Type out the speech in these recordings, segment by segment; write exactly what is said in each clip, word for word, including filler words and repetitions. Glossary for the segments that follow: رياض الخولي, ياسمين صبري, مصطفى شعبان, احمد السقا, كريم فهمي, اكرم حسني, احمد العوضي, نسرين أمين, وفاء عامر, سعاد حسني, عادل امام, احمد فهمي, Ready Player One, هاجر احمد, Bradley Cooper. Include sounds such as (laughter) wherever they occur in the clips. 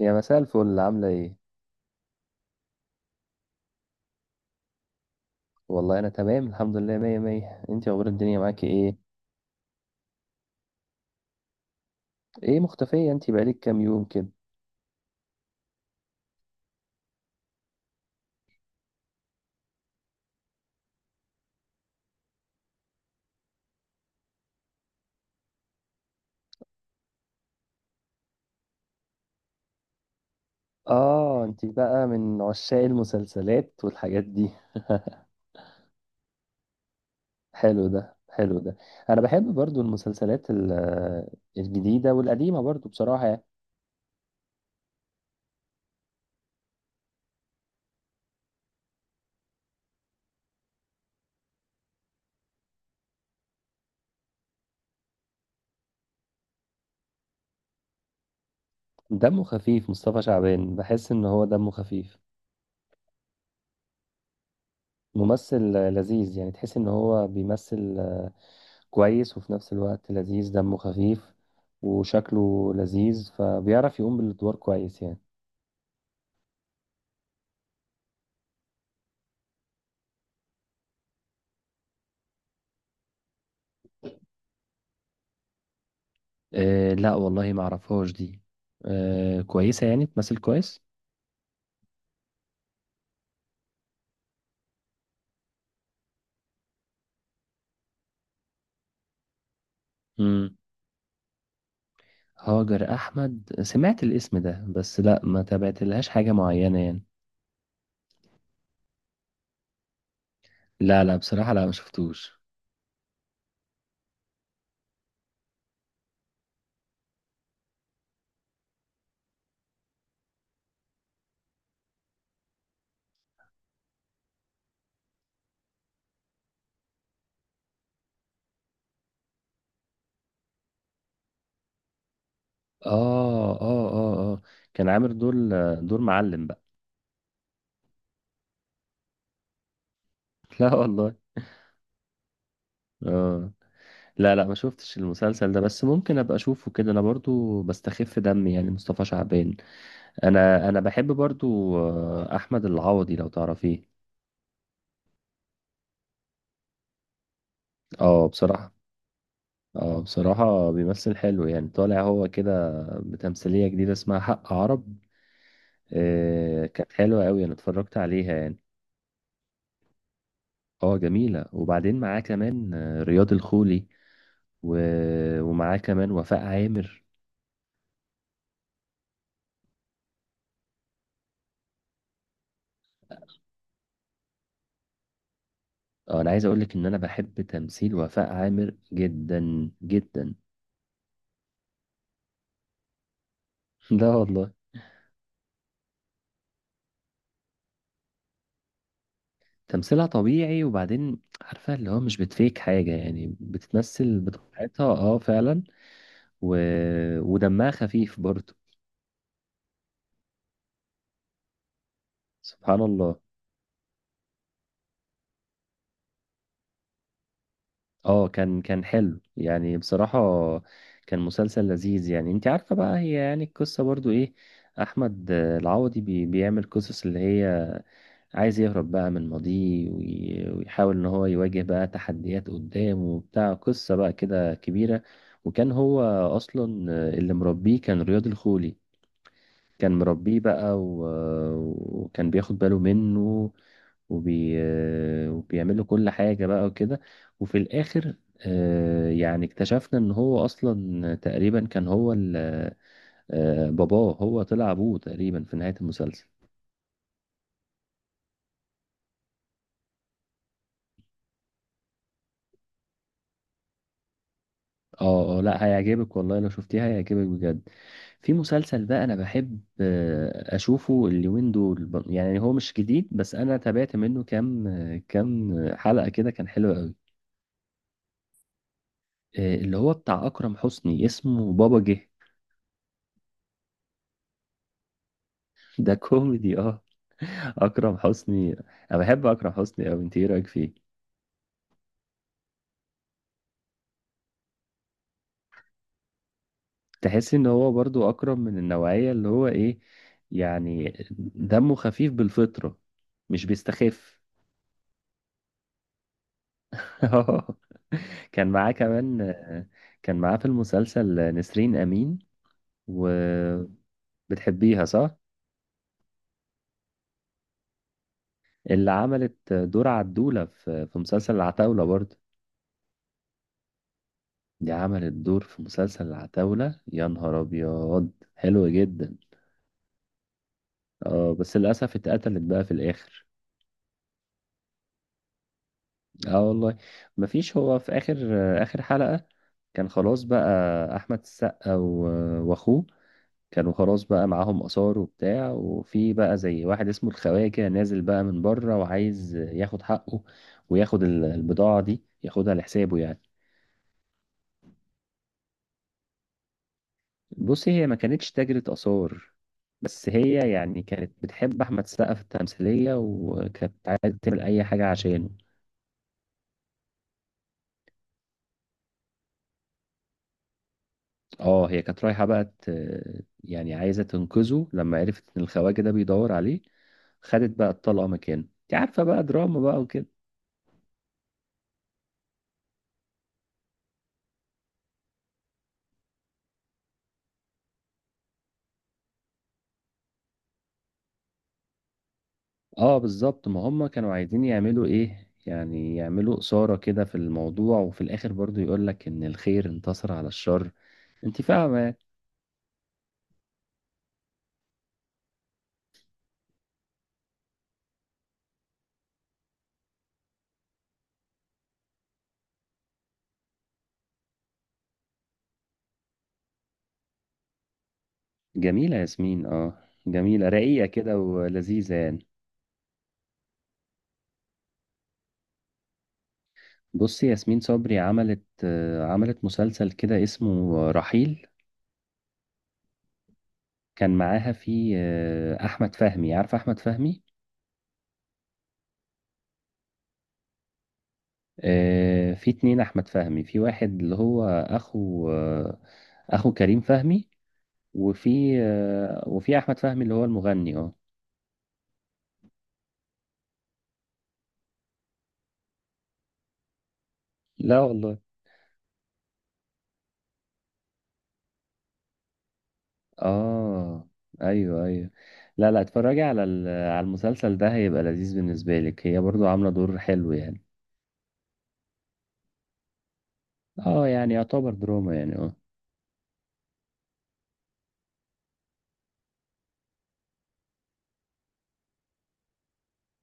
يا مساء الفل، عاملة ايه؟ والله أنا تمام الحمد لله، مية مية. انتي أخبار الدنيا معاكي ايه؟ ايه، مختفية انتي بقالك كام يوم كده؟ اه، انتي بقى من عشاق المسلسلات والحاجات دي. حلو ده، حلو ده. أنا بحب برضو المسلسلات ال- الجديدة والقديمة برضو بصراحة يعني. دمه خفيف مصطفى شعبان، بحس إن هو دمه خفيف، ممثل لذيذ. يعني تحس إن هو بيمثل كويس، وفي نفس الوقت لذيذ دمه خفيف، وشكله لذيذ، فبيعرف يقوم بالادوار كويس يعني. أه لا والله، ما اعرفهاش دي. أه كويسة، يعني تمثل كويس. مم. هاجر احمد سمعت الاسم ده، بس لا، ما تابعت لهاش حاجة معينة يعني. لا لا، بصراحة لا، ما شفتوش. اه اه اه اه. كان عامل دور دور معلم بقى. (laughs) لا والله. اه. لا لا، ما شفتش المسلسل ده، بس ممكن ابقى اشوفه كده، انا برضو بستخف دمي يعني مصطفى شعبان. انا انا بحب برضو آه، احمد العوضي لو تعرفيه. اه بصراحة. اه بصراحة بيمثل حلو، يعني طالع هو كده بتمثيلية جديدة اسمها حق عرب. آه، كانت حلوة قوي، انا اتفرجت عليها يعني. اه جميلة، وبعدين معاه كمان آه، رياض الخولي، و- ومعاه كمان وفاء عامر. آه، انا عايز اقولك ان انا بحب تمثيل وفاء عامر جدا جدا. (laughs) لا والله. تمثيلها طبيعي، وبعدين عارفة اللي هو مش بتفيك حاجة يعني، بتتمثل بطبيعتها. اه فعلا. و... ودمها خفيف برضه. سبحان الله. اه كان كان حلو يعني بصراحة، كان مسلسل لذيذ. يعني انت عارفة بقى هي يعني القصة برضو ايه؟ احمد آه، العوضي بي... بيعمل قصص اللي هي عايز يهرب بقى من ماضيه، وي- ويحاول ان هو يواجه بقى تحديات قدامه وبتاع، قصة بقى كده كبيرة. وكان هو اصلا اللي مربيه كان رياض الخولي. كان مربيه بقى، و- وكان بياخد باله منه وبي... وبيعمل له كل حاجة بقى وكده. وفي الآخر آه، يعني اكتشفنا ان هو اصلا تقريبا كان هو ال- آه، باباه. هو طلع ابوه تقريبا في نهاية المسلسل. اه اه، لا هيعجبك والله، لو شفتيها هيعجبك بجد. في مسلسل بقى انا بحب آه، اشوفه اليومين دول، ب- يعني هو مش جديد، بس انا تابعت منه كام آه، كام حلقة كده، كان حلو قوي. آه، اللي هو بتاع اكرم حسني، اسمه بابا جه. (laughs) ده كوميدي اه. اكرم حسني. انا بحب اكرم حسني قوي، انت ايه رايك فيه؟ تحس ان هو برضو اكرم من النوعية اللي هو ايه يعني، دمه خفيف بالفطرة، مش بيستخف. (laughs) كان معاه كمان. كان معاه في المسلسل نسرين أمين، وبتحبيها صح؟ اللي عملت دور عدولة في في مسلسل العتاولة برضه. دي عملت دور في مسلسل العتاولة، يا نهار أبيض حلو جدا. اه بس للأسف اتقتلت بقى في الآخر. اه والله. مفيش. هو في آخر، آخر حلقة كان خلاص بقى. أحمد السقا و- وأخوه كانوا خلاص بقى معاهم آثار وبتاع. وفي بقى زي واحد اسمه الخواجة كده، نازل بقى من بره وعايز ياخد حقه، وياخد ال- البضاعة دي، ياخدها لحسابه يعني. بصي هي ما كانتش تاجرة آثار، بس هي يعني كانت بتحب أحمد السقا في التمثيلية، وكانت عايزة تعمل أي حاجة عشانه. اه هي كانت رايحة بقى ت... يعني عايزة تنقذه، لما عرفت إن الخواجة ده بيدور عليه خدت بقى الطلقة مكانه. انت عارفة بقى دراما بقى وكده. اه بالظبط، ما هم كانوا عايزين يعملوا ايه، يعني يعملوا إثارة كده في الموضوع، وفي الآخر برضو يقولك إن الخير انتصر على الشر. انت فاهمة؟ جميلة ياسمين، اه جميلة، رقيقة كده ولذيذة يعني. بصي ياسمين صبري عملت آه، عملت مسلسل كده اسمه رحيل. كان معاها فيه آه، أحمد فهمي. عارفة أحمد فهمي؟ آه، في اتنين أحمد فهمي. في واحد اللي هو أخو آه، أخو كريم فهمي، وفي آه، وفي احمد فهمي اللي هو المغني اه. لا والله. اه. ايوه ايوه. لا لا، اتفرجي على ال- على المسلسل ده، هيبقى لذيذ بالنسبه لك. هي برضو عامله دور حلو يعني. اه، يعني يعتبر دراما يعني اه.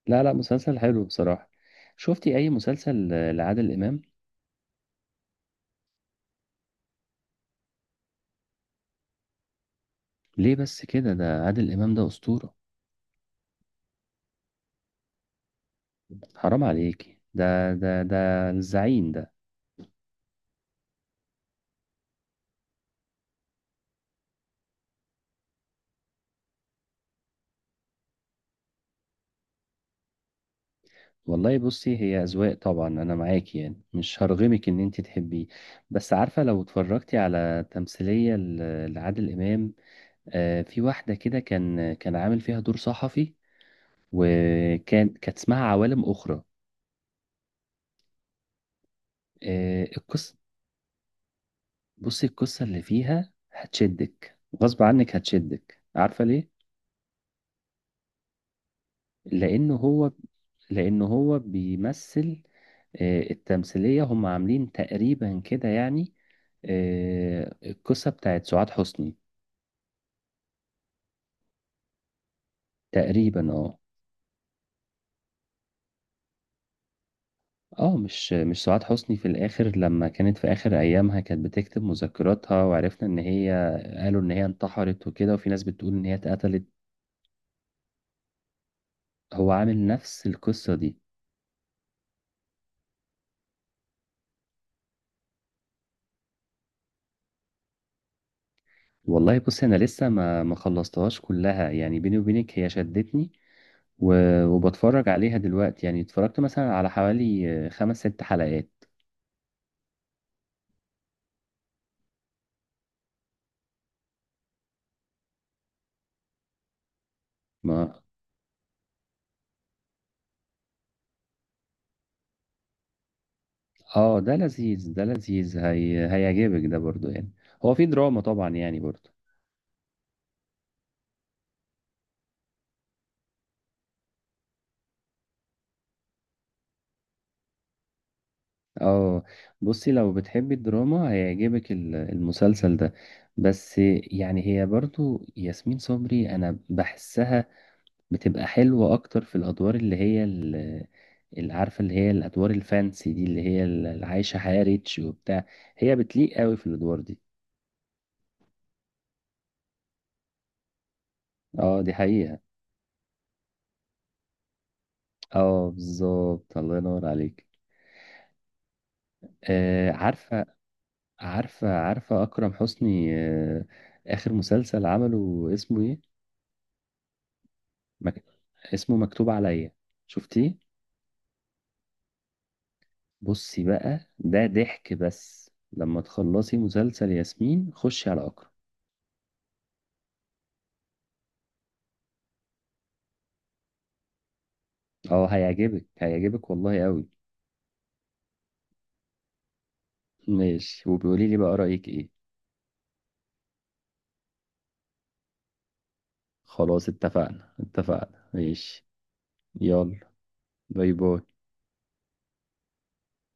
لا لا، مسلسل حلو بصراحه. شفتي اي مسلسل آه، لعادل امام؟ ليه بس كده؟ ده عادل امام، ده اسطوره، حرام عليكي، ده ده ده الزعيم ده. والله بصي هي أذواق طبعا، أنا معاكي يعني، مش هرغمك إن أنت تحبيه. بس عارفة، لو اتفرجتي على تمثيلية ل- لعادل إمام، آه، في واحدة كده كان كان عامل فيها دور صحفي، وكان كانت اسمها عوالم أخرى. آه، القصة. بصي القصة اللي فيها هتشدك، غصب عنك هتشدك، عارفة ليه؟ لأنه هو لأنه هو بيمثل. آه، التمثيلية هم عاملين تقريبا كده يعني، آه، القصة بتاعت سعاد حسني تقريبا اه. اه مش مش سعاد حسني، في الاخر لما كانت في اخر ايامها كانت بتكتب مذكراتها، وعرفنا ان هي، قالوا ان هي انتحرت وكده، وفي ناس بتقول ان هي اتقتلت. هو عامل نفس القصة دي. والله بص، انا لسه ما ما خلصتهاش كلها يعني، بيني وبينك هي شدتني، و- وبتفرج عليها دلوقتي. يعني اتفرجت مثلا على حوالي آه، خمس ست حلقات. ما اه، ده لذيذ، ده لذيذ، هي... هيعجبك ده برضو يعني، هو في دراما طبعا يعني برضو. اه بصي، لو بتحبي الدراما هيعجبك ال- المسلسل ده. بس يعني هي برضو ياسمين صبري، انا بحسها بتبقى حلوة اكتر في الادوار اللي هي ال- اللي عارفة، اللي هي الادوار الفانسي دي، اللي هي اللي عايشة حياة ريتش وبتاع. هي بتليق قوي في الادوار دي. اه دي حقيقة. اه بالظبط، الله ينور عليك. آه عارفة، عارفة عارفة أكرم حسني، آه، آخر مسلسل عمله اسمه إيه؟ مك... اسمه مكتوب عليا، شفتيه؟ بصي بقى ده ضحك، بس لما تخلصي مسلسل ياسمين خشي على أكرم. أه هيعجبك هيعجبك والله أوي. ماشي، وبيقولي لي بقى رأيك إيه. خلاص، اتفقنا اتفقنا ماشي. يلا. باي باي.